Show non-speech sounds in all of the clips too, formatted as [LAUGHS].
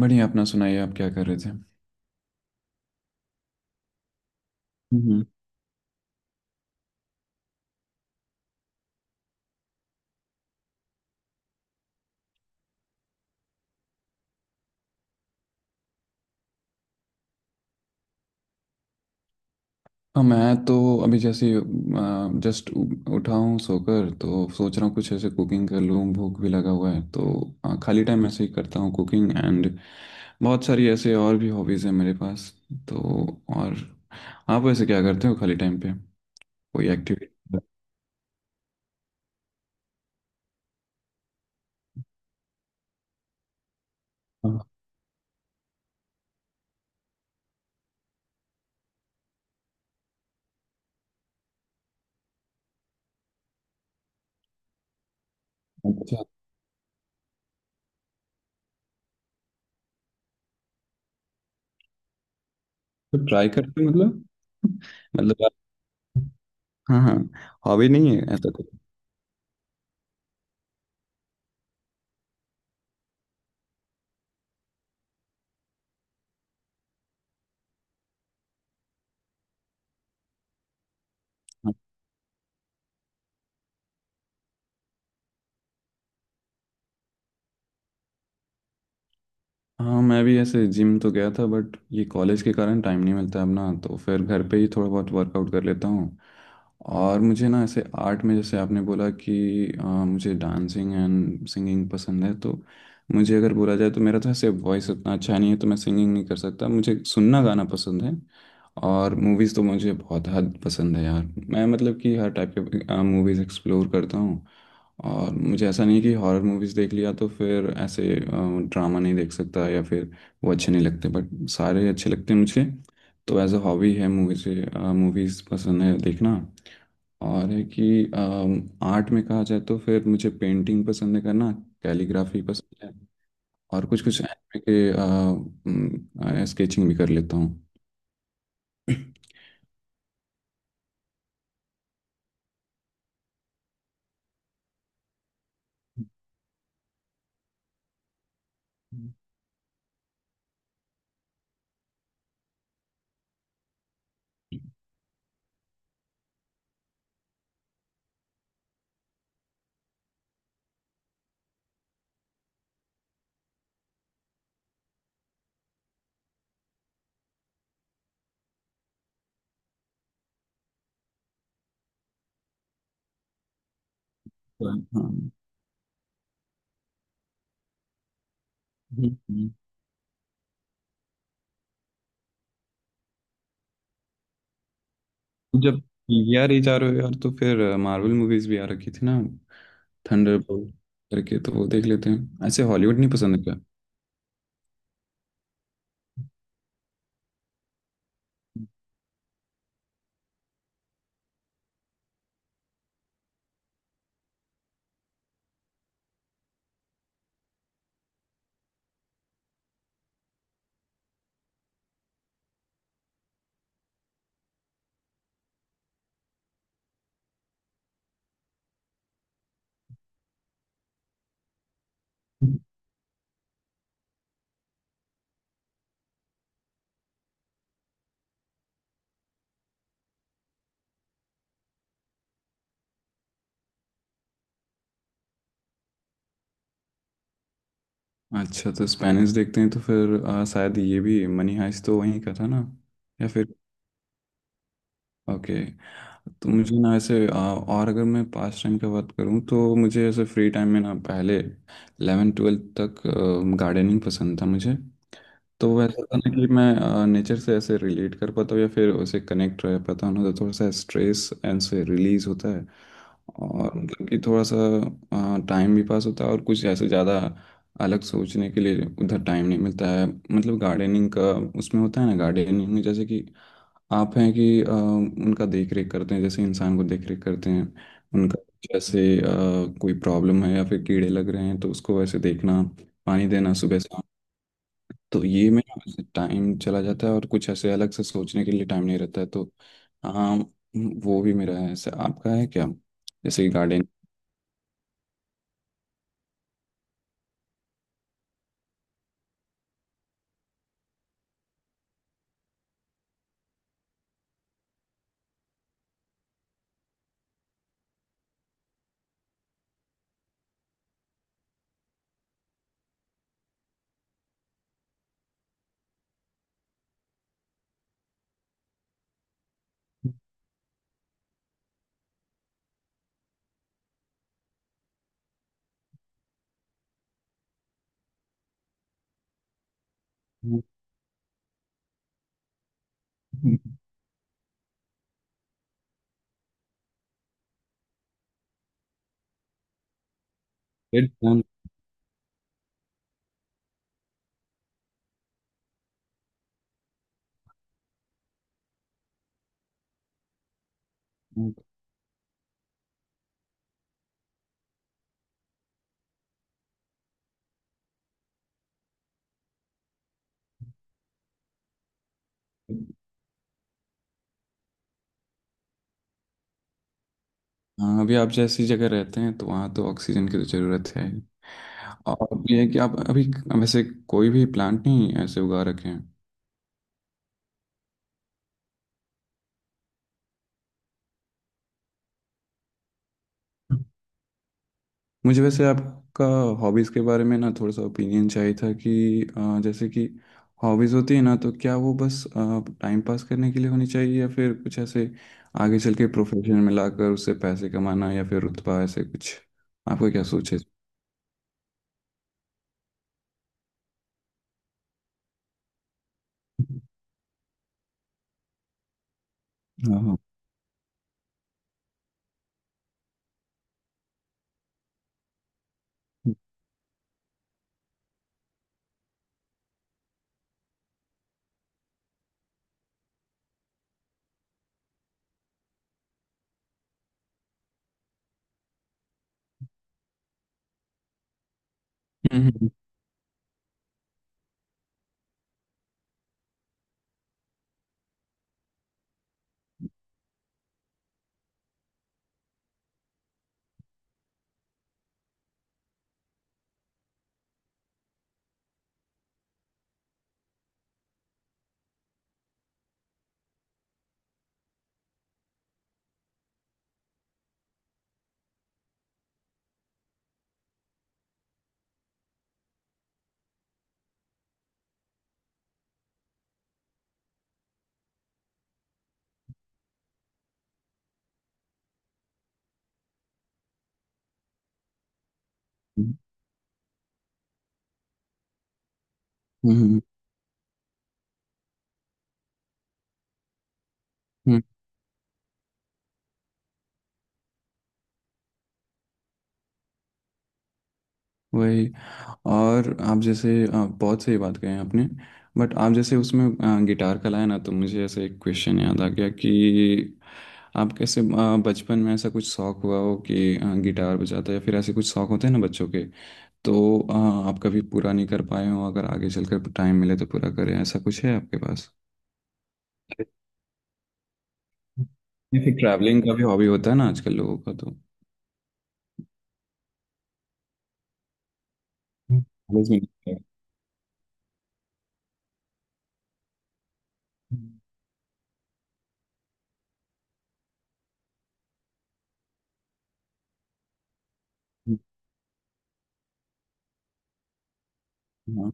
बढ़िया। अपना सुनाइए, आप क्या कर रहे थे? हम्म। हाँ, मैं तो अभी जैसे जस्ट उठा हूँ सोकर, तो सोच रहा हूँ कुछ ऐसे कुकिंग कर लूँ, भूख भी लगा हुआ है तो खाली टाइम ऐसे ही करता हूँ कुकिंग एंड बहुत सारी ऐसे और भी हॉबीज़ हैं मेरे पास तो। और आप वैसे क्या करते हो खाली टाइम पे? कोई एक्टिविटी? अच्छा, तो ट्राई करते हो मतलब? [LAUGHS] मतलब आप- हाँ हाँ, हॉबी नहीं है ऐसा कुछ? हाँ, मैं भी ऐसे जिम तो गया था बट ये कॉलेज के कारण टाइम नहीं मिलता है अब ना, तो फिर घर पे ही थोड़ा बहुत वर्कआउट कर लेता हूँ। और मुझे ना ऐसे आर्ट में, जैसे आपने बोला कि मुझे डांसिंग एंड सिंगिंग पसंद है तो मुझे अगर बोला जाए तो मेरा तो ऐसे वॉइस उतना अच्छा नहीं है, तो मैं सिंगिंग नहीं कर सकता, मुझे सुनना गाना पसंद है। और मूवीज़ तो मुझे बहुत हद पसंद है यार, मैं मतलब कि हर टाइप के मूवीज़ एक्सप्लोर करता हूँ। और मुझे ऐसा नहीं कि हॉरर मूवीज़ देख लिया तो फिर ऐसे ड्रामा नहीं देख सकता या फिर वो अच्छे नहीं लगते, बट सारे अच्छे लगते हैं मुझे। तो एज अ हॉबी है मूवीज़। मूवीज़ पसंद है देखना। और है कि आर्ट में कहा जाए तो फिर मुझे पेंटिंग पसंद है करना। कैलीग्राफी पसंद है और कुछ कुछ एनिमे के स्केचिंग भी कर लेता हूँ। [CLEARS THROAT] हाँ। हम्म। जब यार ये जा रहे हो यार, तो फिर मार्वल मूवीज भी आ रखी थी ना, थंडरबोल्ट करके, तो वो देख लेते हैं। ऐसे हॉलीवुड नहीं पसंद है क्या? अच्छा, तो स्पेनिश देखते हैं तो फिर शायद ये भी, मनी हाइस्ट तो वहीं का था ना? या फिर? ओके। तो मुझे ना ऐसे और अगर मैं पास टाइम का बात करूँ तो मुझे ऐसे फ्री टाइम में ना पहले 11 ट्वेल्थ तक गार्डनिंग पसंद था मुझे। तो वैसा था ना कि मैं नेचर से ऐसे रिलेट कर पाता हूँ या फिर उसे कनेक्ट रह पाता हूँ ना, तो थोड़ा सा स्ट्रेस एंड से रिलीज होता है। और मतलब कि थोड़ा सा टाइम भी पास होता है और कुछ ऐसे ज़्यादा अलग सोचने के लिए उधर टाइम नहीं मिलता है, मतलब गार्डनिंग का। उसमें होता है ना गार्डनिंग में, जैसे कि आप हैं कि उनका देख रेख करते हैं, जैसे इंसान को देख रेख करते हैं उनका। जैसे कोई प्रॉब्लम है या फिर कीड़े लग रहे हैं तो उसको वैसे देखना, पानी देना सुबह शाम। तो ये मेरा टाइम चला जाता है और कुछ ऐसे अलग से सोचने के लिए टाइम नहीं रहता है, तो हाँ, वो भी मेरा है ऐसे। आपका है क्या, जैसे गार्डन? हाँ, अभी आप जैसी जगह रहते हैं तो वहाँ तो ऑक्सीजन की तो ज़रूरत है। और ये है कि आप अभी वैसे कोई भी प्लांट नहीं ऐसे उगा रखे हैं? मुझे वैसे आपका हॉबीज़ के बारे में ना थोड़ा सा ओपिनियन चाहिए था कि जैसे कि हॉबीज़ होती है ना, तो क्या वो बस टाइम पास करने के लिए होनी चाहिए या फिर कुछ ऐसे आगे चल के प्रोफेशन में लाकर उससे पैसे कमाना या फिर रुतबा ऐसे कुछ? आपका क्या सोच है? हाँ हाँ। हम्म। हम्म। हम्म। हम्म। वही। और आप जैसे बहुत सही बात कही आपने, बट आप जैसे उसमें गिटार का लाया ना, तो मुझे ऐसे एक क्वेश्चन याद आ गया कि आप कैसे बचपन में ऐसा कुछ शौक हुआ हो कि गिटार बजाते या फिर ऐसे कुछ शौक होते हैं ना बच्चों के, तो आप कभी पूरा नहीं कर पाए हो, अगर आगे चलकर टाइम मिले तो पूरा करें, ऐसा कुछ है आपके पास? या फिर ट्रैवलिंग का भी हॉबी होता है ना आजकल लोगों का, तो कॉलेज में नहीं है। हाँ।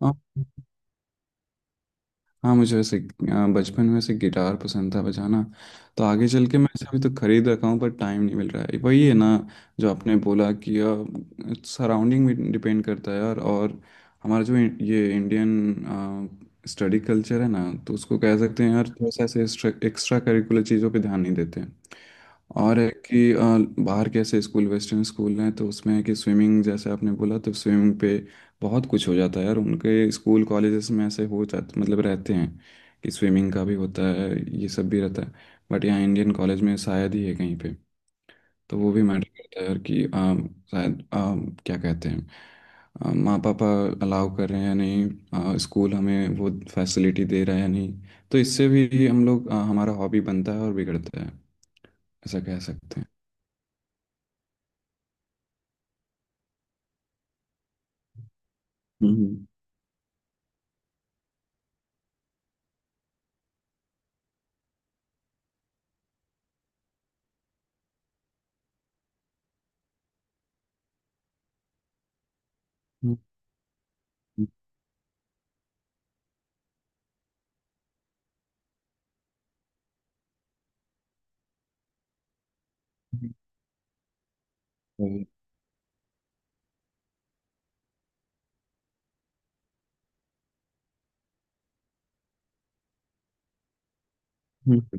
[LAUGHS] जी, हाँ, मुझे वैसे बचपन में वैसे गिटार पसंद था बजाना। तो आगे चल के मैं ऐसे अभी तो खरीद रखा हूँ, पर टाइम नहीं मिल रहा है। वही है ना, जो आपने बोला कि सराउंडिंग में डिपेंड करता है यार। और हमारा जो ये इंडियन स्टडी कल्चर है ना, तो उसको कह सकते हैं यार, थोड़ा सा ऐसे एक्स्ट्रा करिकुलर चीज़ों पे ध्यान नहीं देते हैं। और है कि बाहर के ऐसे स्कूल, वेस्टर्न स्कूल हैं तो उसमें है कि स्विमिंग, जैसे आपने बोला, तो स्विमिंग पे बहुत कुछ हो जाता है यार, उनके स्कूल कॉलेजेस में ऐसे हो जाते मतलब रहते हैं कि स्विमिंग का भी होता है, ये सब भी रहता है। बट यहाँ इंडियन कॉलेज में शायद ही है कहीं पे। तो वो भी मैटर करता है यार कि शायद क्या कहते हैं, माँ पापा अलाउ कर रहे हैं या नहीं, स्कूल हमें वो फैसिलिटी दे रहा है या नहीं। तो इससे भी हम लोग हमारा हॉबी बनता है और बिगड़ता है, ऐसा कह सकते हैं। हम्म। हम्म, हम्म, हम्म, हम्म। हम्म,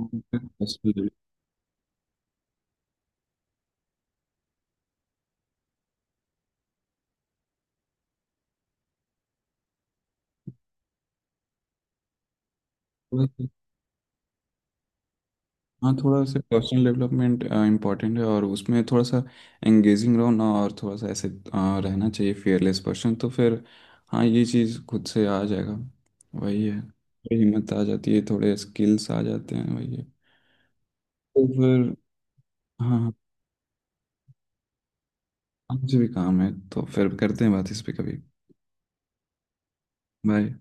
हम्म, हम्म, हम्म। हाँ, थोड़ा सा पर्सनल डेवलपमेंट इम्पोर्टेंट है और उसमें थोड़ा सा एंगेजिंग रहो ना, और थोड़ा सा ऐसे रहना चाहिए फेयरलेस पर्सन, तो फिर हाँ, ये चीज़ खुद से आ जाएगा। वही है, थोड़ी हिम्मत आ जाती है, थोड़े स्किल्स आ जाते हैं, वही है। तो फिर हाँ। हाँ, मुझे भी काम है, तो फिर करते हैं बात इस पे कभी। बाय।